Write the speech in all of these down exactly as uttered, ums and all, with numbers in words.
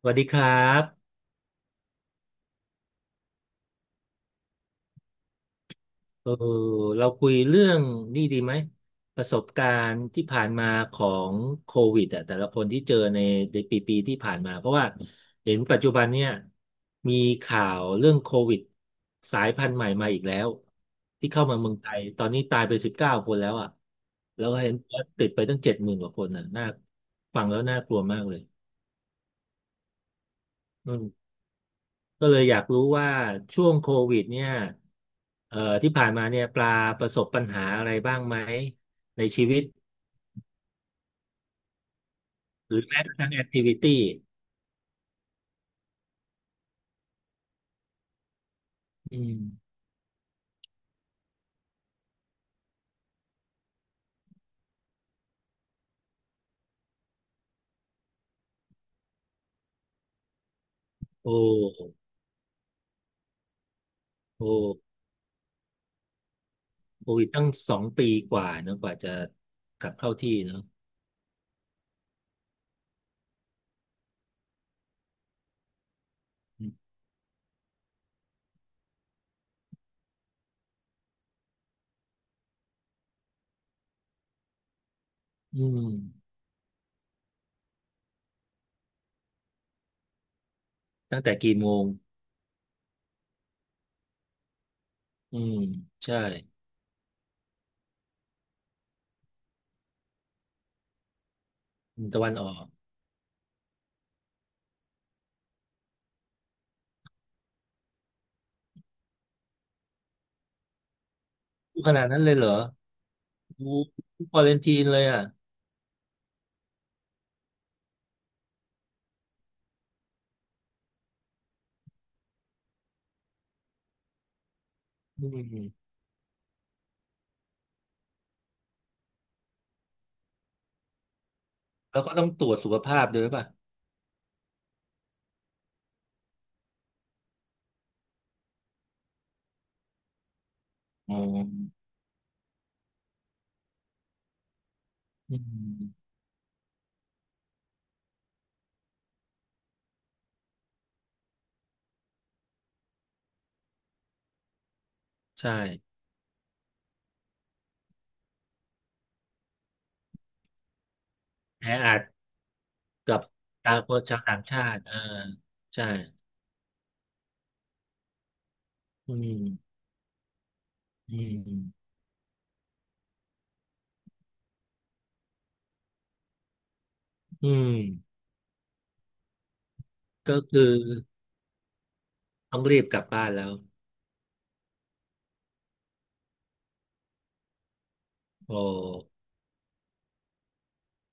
สวัสดีครับเออเราคุยเรื่องนี่ดีไหมประสบการณ์ที่ผ่านมาของโควิดอ่ะแต่ละคนที่เจอในในปีปีที่ผ่านมาเพราะว่าเห็นปัจจุบันเนี่ยมีข่าวเรื่องโควิดสายพันธุ์ใหม่มาอีกแล้วที่เข้ามาเมืองไทยตอนนี้ตายไปสิบเก้าคนแล้วอ่ะแล้วก็เห็นว่าติดไปตั้งเจ็ดหมื่นกว่าคนอ่ะน่าฟังแล้วน่ากลัวมากเลยอืม ก็เลยอยากรู้ว่าช่วงโควิดเนี่ยเอ่อที่ผ่านมาเนี่ยปลาประสบปัญหาอะไรบ้างไหมในชีวิตหรือแม้กระทั่งแอคทิวิตี้อืมโอ้โอ้โควิดตั้งสองปีกว่าเนอะกว่าจะกลับเข้าที่เนอะอืมตั้งแต่กี่โมงอืมใช่อืมตะวันออกขนาดนั้นเลยเหรอกูควอเรนทีนเลยอ่ะอืมแล้วก็ต้องตรวจสุขภาพด้วยป่ะอ๋ออืมใช่ แออัดกับชาวคนชาวต่างชาติอ่าใช่อืม อืม อืม ก็คือต้องรีบกลับบ้านแล้ว โอ้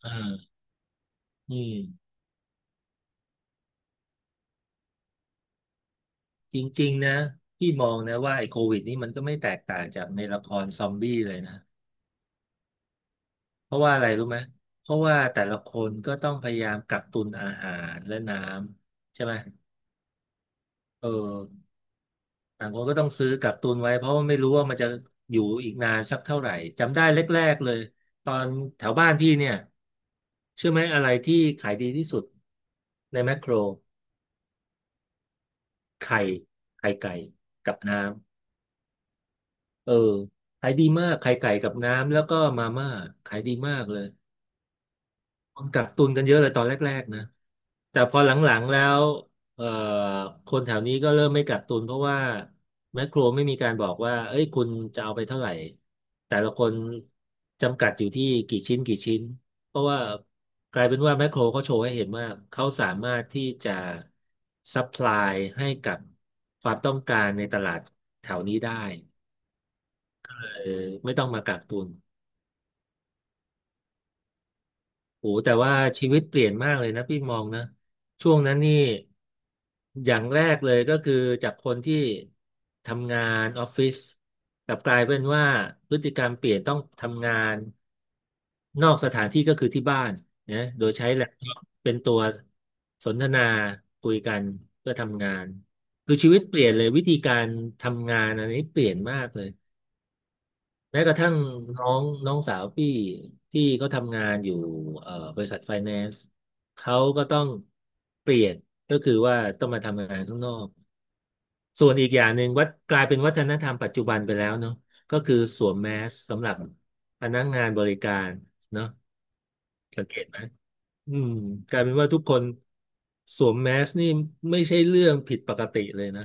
เอ่าอืม จริงๆนะ พี่มองนะว่าไอ้โควิดนี่มันก็ไม่แตกต่างจากในละครซอมบี้เลยนะ เพราะว่าอะไรรู้ไหม เพราะว่าแต่ละคนก็ต้องพยายามกักตุนอาหารและน้ำใช่ไหมเออ ต่างคนก็ต้องซื้อกักตุนไว้เพราะว่าไม่รู้ว่ามันจะอยู่อีกนานสักเท่าไหร่จำได้แรกๆเลยตอนแถวบ้านพี่เนี่ยเชื่อไหมอะไรที่ขายดีที่สุดในแมคโครไข่ไข่ไก่กับน้ำเออขายดีมากไข่ไก่กับน้ำแล้วก็มาม่าขายดีมากเลย กักตุนกันเยอะเลยตอนแรกๆนะแต่พอหลังๆแล้วเอ่อคนแถวนี้ก็เริ่มไม่กักตุนเพราะว่าแมคโครไม่มีการบอกว่าเอ้ยคุณจะเอาไปเท่าไหร่แต่ละคนจำกัดอยู่ที่กี่ชิ้นกี่ชิ้นเพราะว่ากลายเป็นว่าแมคโครเขาโชว์ให้เห็นว่าเขาสามารถที่จะซัพพลายให้กับความต้องการในตลาดแถวนี้ได้เออไม่ต้องมากักตุน โอ้แต่ว่าชีวิตเปลี่ยนมากเลยนะพี่มองนะช่วงนั้นนี่อย่างแรกเลยก็คือจากคนที่ทำงานออฟฟิศกลับกลายเป็นว่าพฤติกรรมเปลี่ยนต้องทำงานนอกสถานที่ก็คือที่บ้านนะโดยใช้แล็ปท็อปเป็นตัวสนทนาคุยกันเพื่อทำงานคือชีวิตเปลี่ยนเลยวิธีการทำงานอันนี้เปลี่ยนมากเลย แม้กระทั่งน้องน้องสาวพี่ที่เขาทำงานอยู่เอ่อบริษัทไฟแนนซ์เขาก็ต้องเปลี่ยนก็คือว่าต้องมาทำงานข้างนอกส่วนอีกอย่างหนึ่งวัดกลายเป็นวัฒนธรรมปัจจุบันไปแล้วเนาะก็คือสวมแมสสำหรับพนักงานบริการเนาะสังเกตไหมอืมกลายเป็นว่าทุกคนสวมแมสนี่ไม่ใช่เรื่องผิดปกติเลยนะ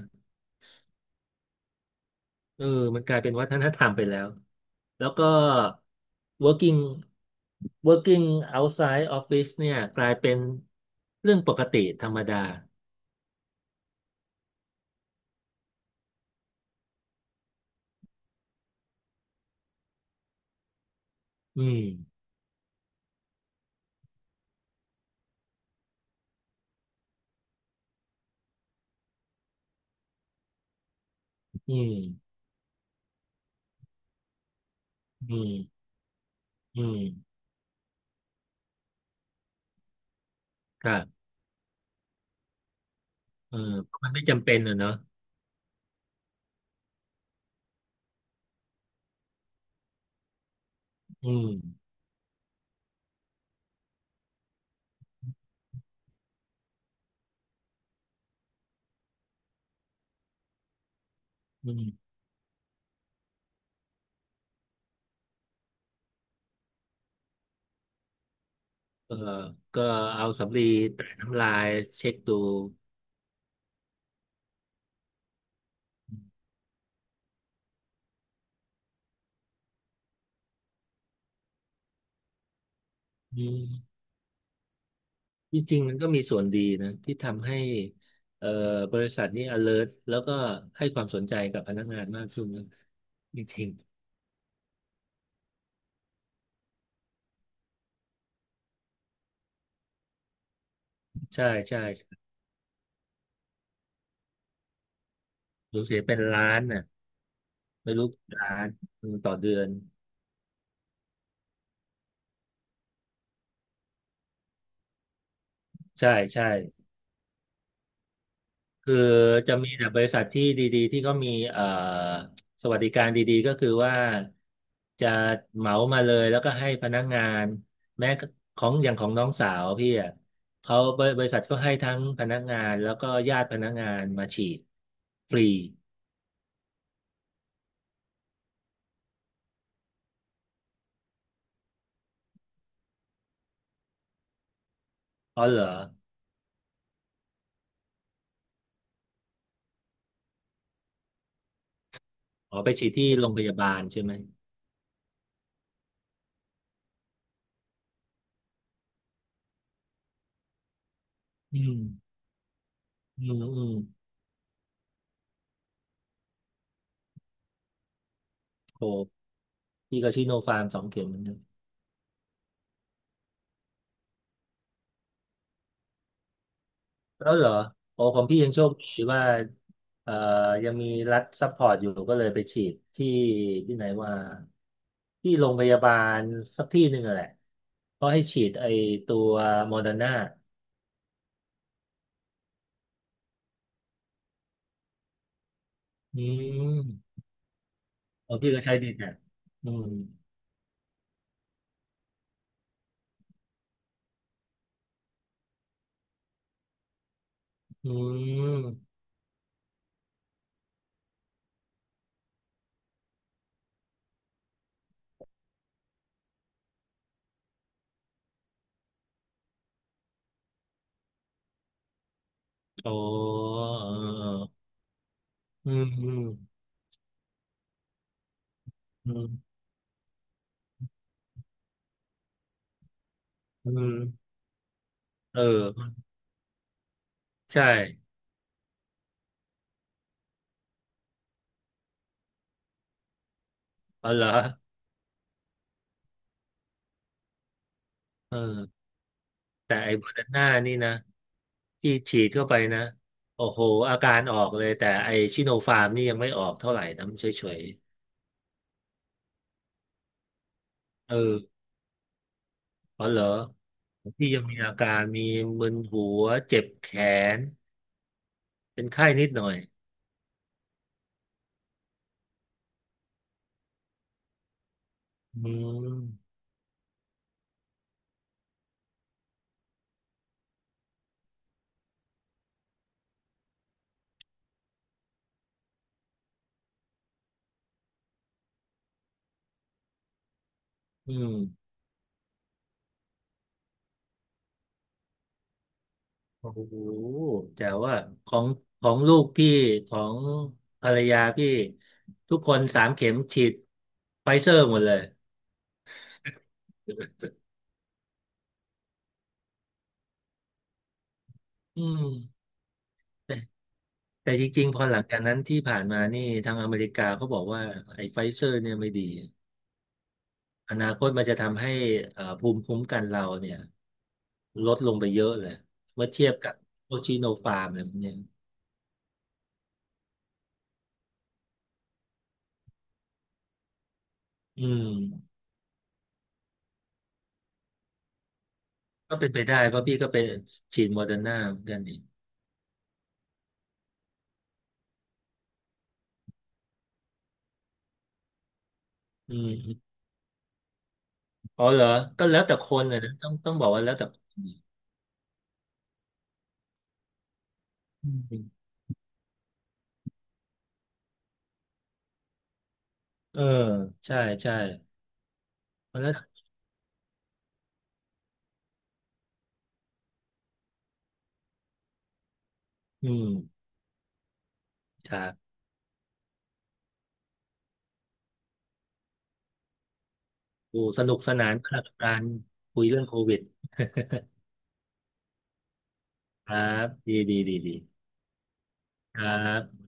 เออมันกลายเป็นวัฒนธรรมไปแล้ว แล้วก็ working working outside office เนี่ยกลายเป็นเรื่องปกติธรรมดา อืม อืม อืม อืมครับเออเพราะมันไม่จำเป็นอ่ะเนาะอืม อืมเออก็เอาสำลีแตะน้ำลายเช็คดูอืม จริงๆมันก็มีส่วนดีนะที่ทำให้เอ่อบริษัทนี้ alert แล้วก็ให้ความสนใจกับพนักงานมากขึ้นนะจริงๆใช่ใช่สูญเสียเป็นล้านน่ะไม่รู้กี่ล้านอืมต่อเดือนใช่ใช่ คือจะมีแต่บริษัทที่ดีๆที่ก็มีเอ่อสวัสดิการดีๆก็คือว่าจะเหมามาเลยแล้วก็ให้พนักงานแม้ของอย่างของน้องสาวพี่อ่ะเขาบริบริษัทก็ให้ทั้งพนักงานแล้วก็ญาติพนักงานมาฉีดฟรีอ๋อเหรออ๋อไปฉีดที่โรงพยาบาลใช่ไหมอืมอืมอืมโอ้พี่ก็ชิโนฟาร์มสองเข็ม แล้วเหรอโอ้ของพี่ยังโชคดีว่าเอ่อยังมีรัฐซัพพอร์ตอยู่ก็เลยไปฉีดที่ที่ไหนว่าที่โรงพยาบาลสักที่หนึ่งอะแหละก็ให้ฉีดไอตัวโมเดอร์นาอืมโอ้พี่ก็ใช้ดีแนะอืมอืมโอ้เออเอออืมอืมอืมเออใช่อ๋อเหรอเออ แต่ไอ้โมเดอร์นานี่นะที่ฉีดเข้าไปนะโอ้โหอาการออกเลยแต่ไอ้ชิโนฟาร์มนี่ยังไม่ออกเท่าไหร่นะมันเฉยๆเอออ๋อเหรอที่ยังมีอาการมีมึนหัวเจ็บแขนเป็นไข้นิดหน่อยอืมอืมโอ้โหแต่ว่าของของลูกพี่ของภรรยาพี่ทุกคนสามเข็มฉีดไฟเซอร์หมดเลยอืม แต่จริงๆพอหลังจากนั้นที่ผ่านมานี่ทางอเมริกาเขาบอกว่าไอ้ไฟเซอร์เนี่ยไม่ดีอนาคตมันจะทำให้เอ่อภูมิคุ้มกันเราเนี่ยลดลงไปเยอะเลยเมื่อเทียบกับโอชิโนฟาร์มอะไรพวกเนี้ยอืมก็เป็นไปได้เพราะพี่ก็เป็นฉีดโมเดอร์นาเหมือนกันนี่อืมอ๋อเหรอก็แล้วแต่คนเลยนะต้องต้องบอกว่าแล้วแต่คนีอืมเออใช่ใช่เพราะแล้วอืมครับโอ้สนุกสนานมากกับการคุยเรื่องโควิด ครับดี ดี ดีดีครับ